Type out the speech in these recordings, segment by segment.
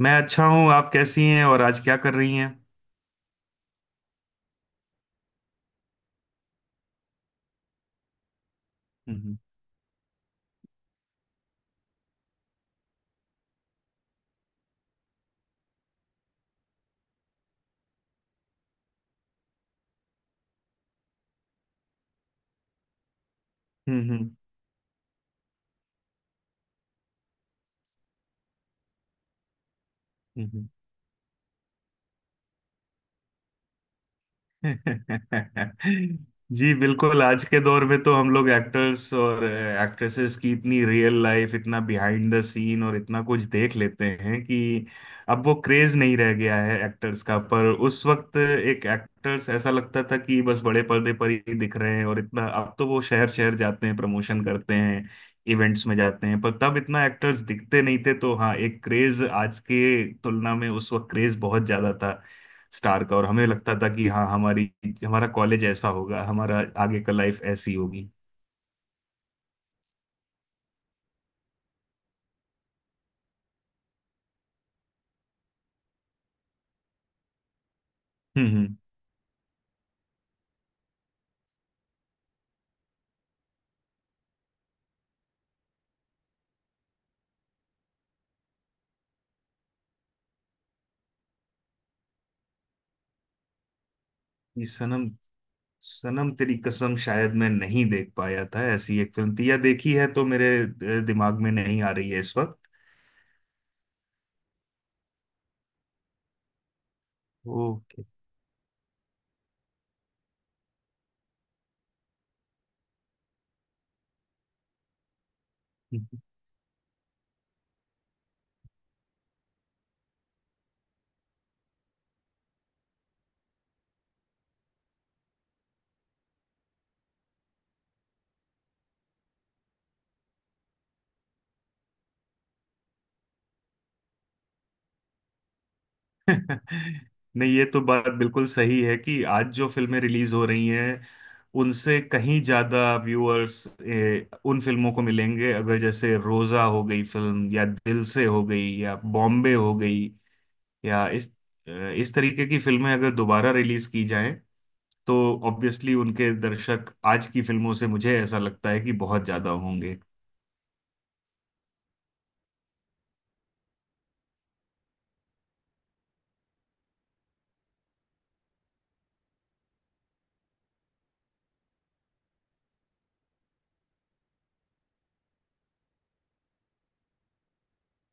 मैं अच्छा हूँ। आप कैसी हैं और आज क्या कर रही हैं? हम्म। हम्म। हम्म। हम्म। जी बिल्कुल। आज के दौर में तो हम लोग एक्टर्स और एक्ट्रेसेस की इतनी रियल लाइफ, इतना बिहाइंड द सीन और इतना कुछ देख लेते हैं कि अब वो क्रेज नहीं रह गया है एक्टर्स का। पर उस वक्त एक एक्टर्स ऐसा लगता था कि बस बड़े पर्दे पर ही दिख रहे हैं, और इतना अब तो वो शहर शहर जाते हैं, प्रमोशन करते हैं, इवेंट्स में जाते हैं, पर तब इतना एक्टर्स दिखते नहीं थे। तो हाँ, एक क्रेज आज के तुलना में उस वक्त क्रेज बहुत ज्यादा था स्टार का। और हमें लगता था कि हाँ, हमारी हमारा कॉलेज ऐसा होगा, हमारा आगे का लाइफ ऐसी होगी। हम्म। हम्म। ये सनम सनम तेरी कसम शायद मैं नहीं देख पाया था। ऐसी एक फिल्म थी या देखी है तो मेरे दिमाग में नहीं आ रही है इस वक्त। ओके। नहीं, ये तो बात बिल्कुल सही है कि आज जो फिल्में रिलीज हो रही हैं उनसे कहीं ज्यादा व्यूअर्स उन फिल्मों को मिलेंगे। अगर जैसे रोजा हो गई फिल्म, या दिल से हो गई, या बॉम्बे हो गई, या इस तरीके की फिल्में अगर दोबारा रिलीज की जाएं तो ऑब्वियसली उनके दर्शक आज की फिल्मों से मुझे ऐसा लगता है कि बहुत ज्यादा होंगे।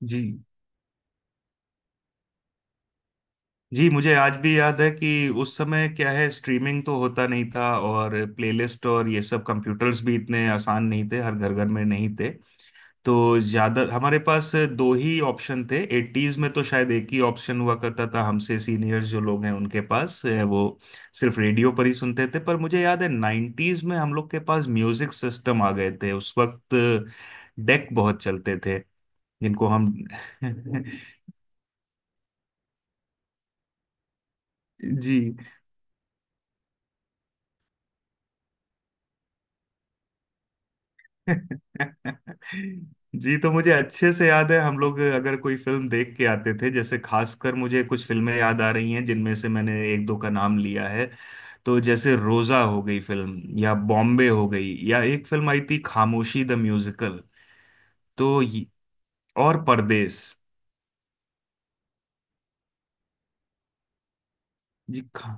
जी। जी, मुझे आज भी याद है कि उस समय क्या है, स्ट्रीमिंग तो होता नहीं था, और प्लेलिस्ट और ये सब कंप्यूटर्स भी इतने आसान नहीं थे, हर घर घर में नहीं थे। तो ज्यादा हमारे पास दो ही ऑप्शन थे। एटीज में तो शायद एक ही ऑप्शन हुआ करता था। हमसे सीनियर्स जो लोग हैं, उनके पास वो सिर्फ रेडियो पर ही सुनते थे। पर मुझे याद है नाइन्टीज में हम लोग के पास म्यूजिक सिस्टम आ गए थे उस वक्त। डेक बहुत चलते थे जिनको हम जी। जी, तो मुझे अच्छे से याद है हम लोग अगर कोई फिल्म देख के आते थे, जैसे खासकर मुझे कुछ फिल्में याद आ रही हैं जिनमें से मैंने एक दो का नाम लिया है। तो जैसे रोजा हो गई फिल्म, या बॉम्बे हो गई, या एक फिल्म आई थी खामोशी द म्यूजिकल। तो ये- और परदेस। जी खा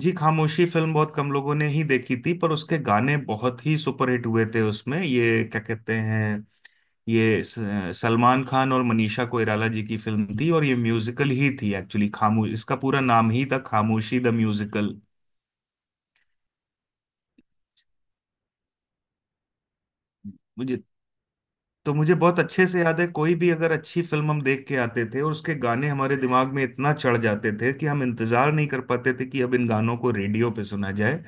जी, खामोशी फिल्म बहुत कम लोगों ने ही देखी थी, पर उसके गाने बहुत ही सुपरहिट हुए थे। उसमें ये क्या कहते हैं, ये स- सलमान खान और मनीषा कोइराला जी की फिल्म थी, और ये म्यूजिकल ही थी एक्चुअली। खामोश इसका पूरा नाम ही था, खामोशी द म्यूजिकल। तो मुझे बहुत अच्छे से याद है, कोई भी अगर अच्छी फिल्म हम देख के आते थे और उसके गाने हमारे दिमाग में इतना चढ़ जाते थे कि हम इंतजार नहीं कर पाते थे कि अब इन गानों को रेडियो पे सुना जाए।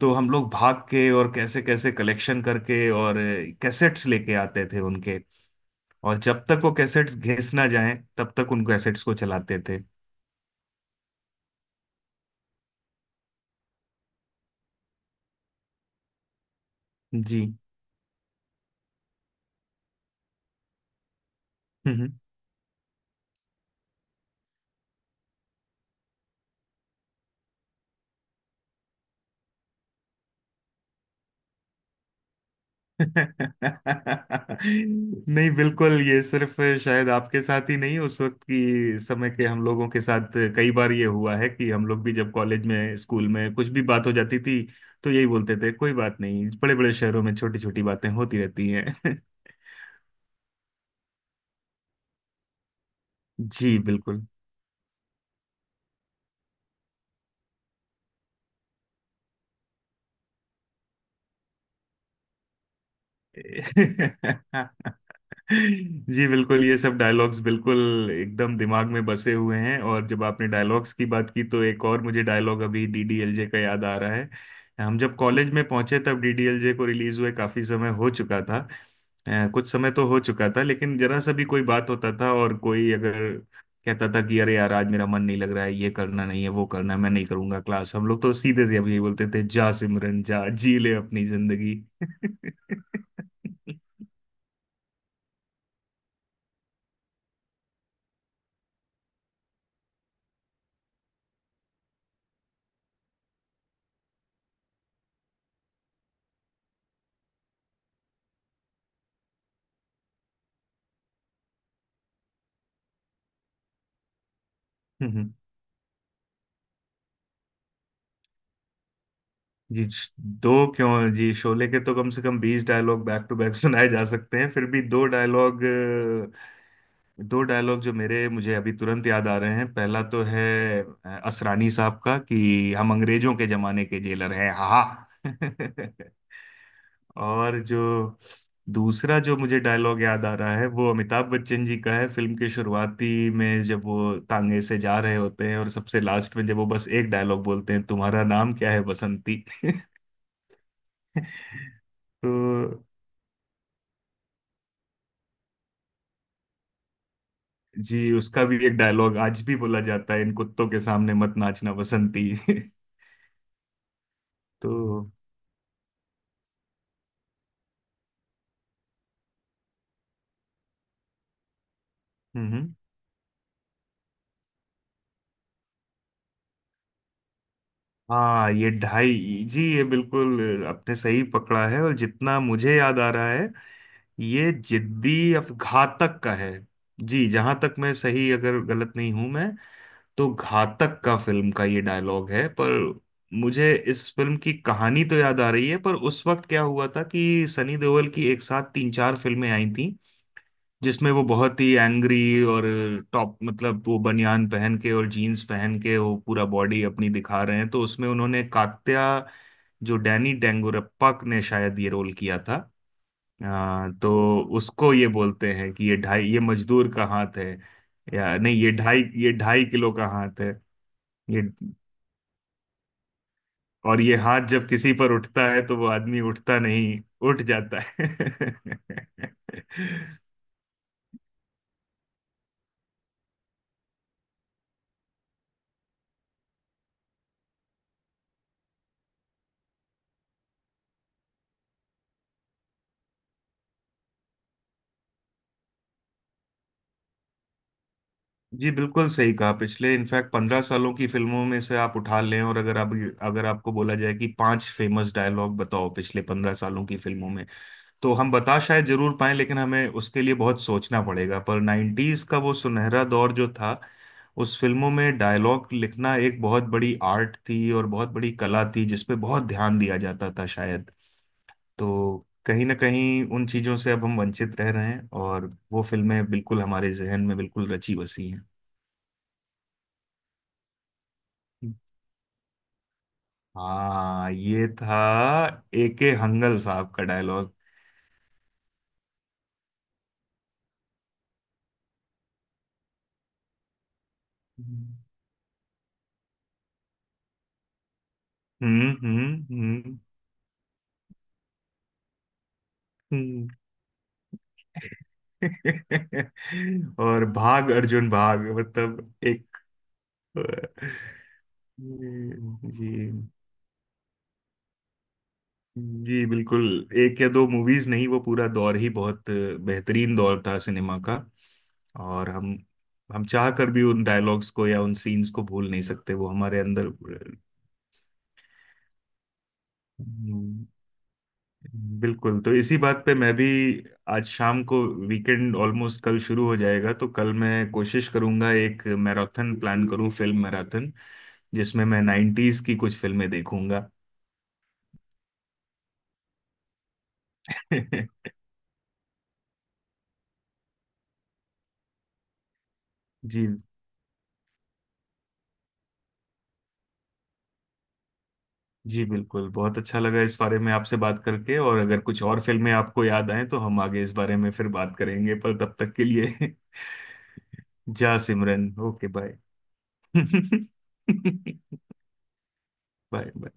तो हम लोग भाग के और कैसे कैसे कलेक्शन करके और कैसेट्स लेके आते थे उनके। और जब तक वो कैसेट्स घिस ना जाएं तब तक उन कैसेट्स को चलाते थे। जी। नहीं, बिल्कुल, ये सिर्फ शायद आपके साथ ही नहीं, उस वक्त की समय के हम लोगों के साथ कई बार ये हुआ है कि हम लोग भी जब कॉलेज में, स्कूल में कुछ भी बात हो जाती थी तो यही बोलते थे कोई बात नहीं, बड़े बड़े शहरों में छोटी छोटी बातें होती रहती हैं। जी बिल्कुल। जी बिल्कुल, ये सब डायलॉग्स बिल्कुल एकदम दिमाग में बसे हुए हैं। और जब आपने डायलॉग्स की बात की, तो एक और मुझे डायलॉग अभी डीडीएलजे का याद आ रहा है। हम जब कॉलेज में पहुंचे तब डीडीएलजे को रिलीज हुए काफी समय हो चुका था। कुछ समय तो हो चुका था, लेकिन जरा सा भी कोई बात होता था और कोई अगर कहता था कि अरे यार आज मेरा मन नहीं लग रहा है, ये करना नहीं है, वो करना है, मैं नहीं करूंगा क्लास, हम लोग तो सीधे से अब यही बोलते थे जा सिमरन जा, जी ले अपनी जिंदगी। जी श- दो क्यों जी, शोले के तो कम से कम 20 डायलॉग बैक टू बैक सुनाए जा सकते हैं, फिर भी दो डायलॉग। जो मेरे मुझे अभी तुरंत याद आ रहे हैं, पहला तो है असरानी साहब का कि हम अंग्रेजों के जमाने के जेलर हैं हा। और जो दूसरा जो मुझे डायलॉग याद आ रहा है वो अमिताभ बच्चन जी का है, फिल्म की शुरुआती में जब वो तांगे से जा रहे होते हैं, और सबसे लास्ट में जब वो बस एक डायलॉग बोलते हैं, तुम्हारा नाम क्या है बसंती। तो जी, उसका भी एक डायलॉग आज भी बोला जाता है, इन कुत्तों के सामने मत नाचना बसंती। तो हम्म। हाँ ये ढाई जी, ये बिल्कुल आपने सही पकड़ा है, और जितना मुझे याद आ रहा है घातक का है। जी, जहां तक मैं सही, अगर गलत नहीं हूं मैं, तो घातक का फिल्म का ये डायलॉग है। पर मुझे इस फिल्म की कहानी तो याद आ रही है, पर उस वक्त क्या हुआ था कि सनी देओल की एक साथ तीन चार फिल्में आई थी, जिसमें वो बहुत ही एंग्री और टॉप, मतलब वो बनियान पहन के और जीन्स पहन के वो पूरा बॉडी अपनी दिखा रहे हैं। तो उसमें उन्होंने कात्या, जो डैनी डेंगुरप्पा ने शायद ये रोल किया था, तो उसको ये बोलते हैं कि ये मजदूर का हाथ है, या नहीं, ये ढाई किलो का हाथ है। ये और ये हाथ जब किसी पर उठता है तो वो आदमी उठता नहीं, उठ जाता है। जी बिल्कुल सही कहा, पिछले इनफैक्ट 15 सालों की फिल्मों में से आप उठा लें, और अगर आप अगर आपको बोला जाए कि पांच फेमस डायलॉग बताओ पिछले 15 सालों की फिल्मों में, तो हम बता शायद जरूर पाएं, लेकिन हमें उसके लिए बहुत सोचना पड़ेगा। पर नाइन्टीज का वो सुनहरा दौर जो था, उस फिल्मों में डायलॉग लिखना एक बहुत बड़ी आर्ट थी और बहुत बड़ी कला थी जिसपे बहुत ध्यान दिया जाता था शायद। तो कहीं ना कहीं उन चीजों से अब हम वंचित रह रहे हैं, और वो फिल्में बिल्कुल हमारे जहन में बिल्कुल रची बसी हैं। हाँ, ये था ए के हंगल साहब का डायलॉग। हम्म। हम्म। हम्म। हम्म। और भाग अर्जुन भाग, मतलब एक। जी। जी बिल्कुल, एक या दो मूवीज नहीं, वो पूरा दौर ही बहुत बेहतरीन दौर था सिनेमा का। और हम चाह कर भी उन डायलॉग्स को या उन सीन्स को भूल नहीं सकते, वो हमारे अंदर बिल्कुल। तो इसी बात पे मैं भी आज शाम को, वीकेंड ऑलमोस्ट कल शुरू हो जाएगा, तो कल मैं कोशिश करूंगा एक मैराथन प्लान करूं, फिल्म मैराथन, जिसमें मैं नाइन्टीज की कुछ फिल्में देखूंगा। जी। जी बिल्कुल, बहुत अच्छा लगा इस बारे में आपसे बात करके, और अगर कुछ और फिल्में आपको याद आए तो हम आगे इस बारे में फिर बात करेंगे, पर तब तक के लिए। जा Simran, okay bye. Bye bye.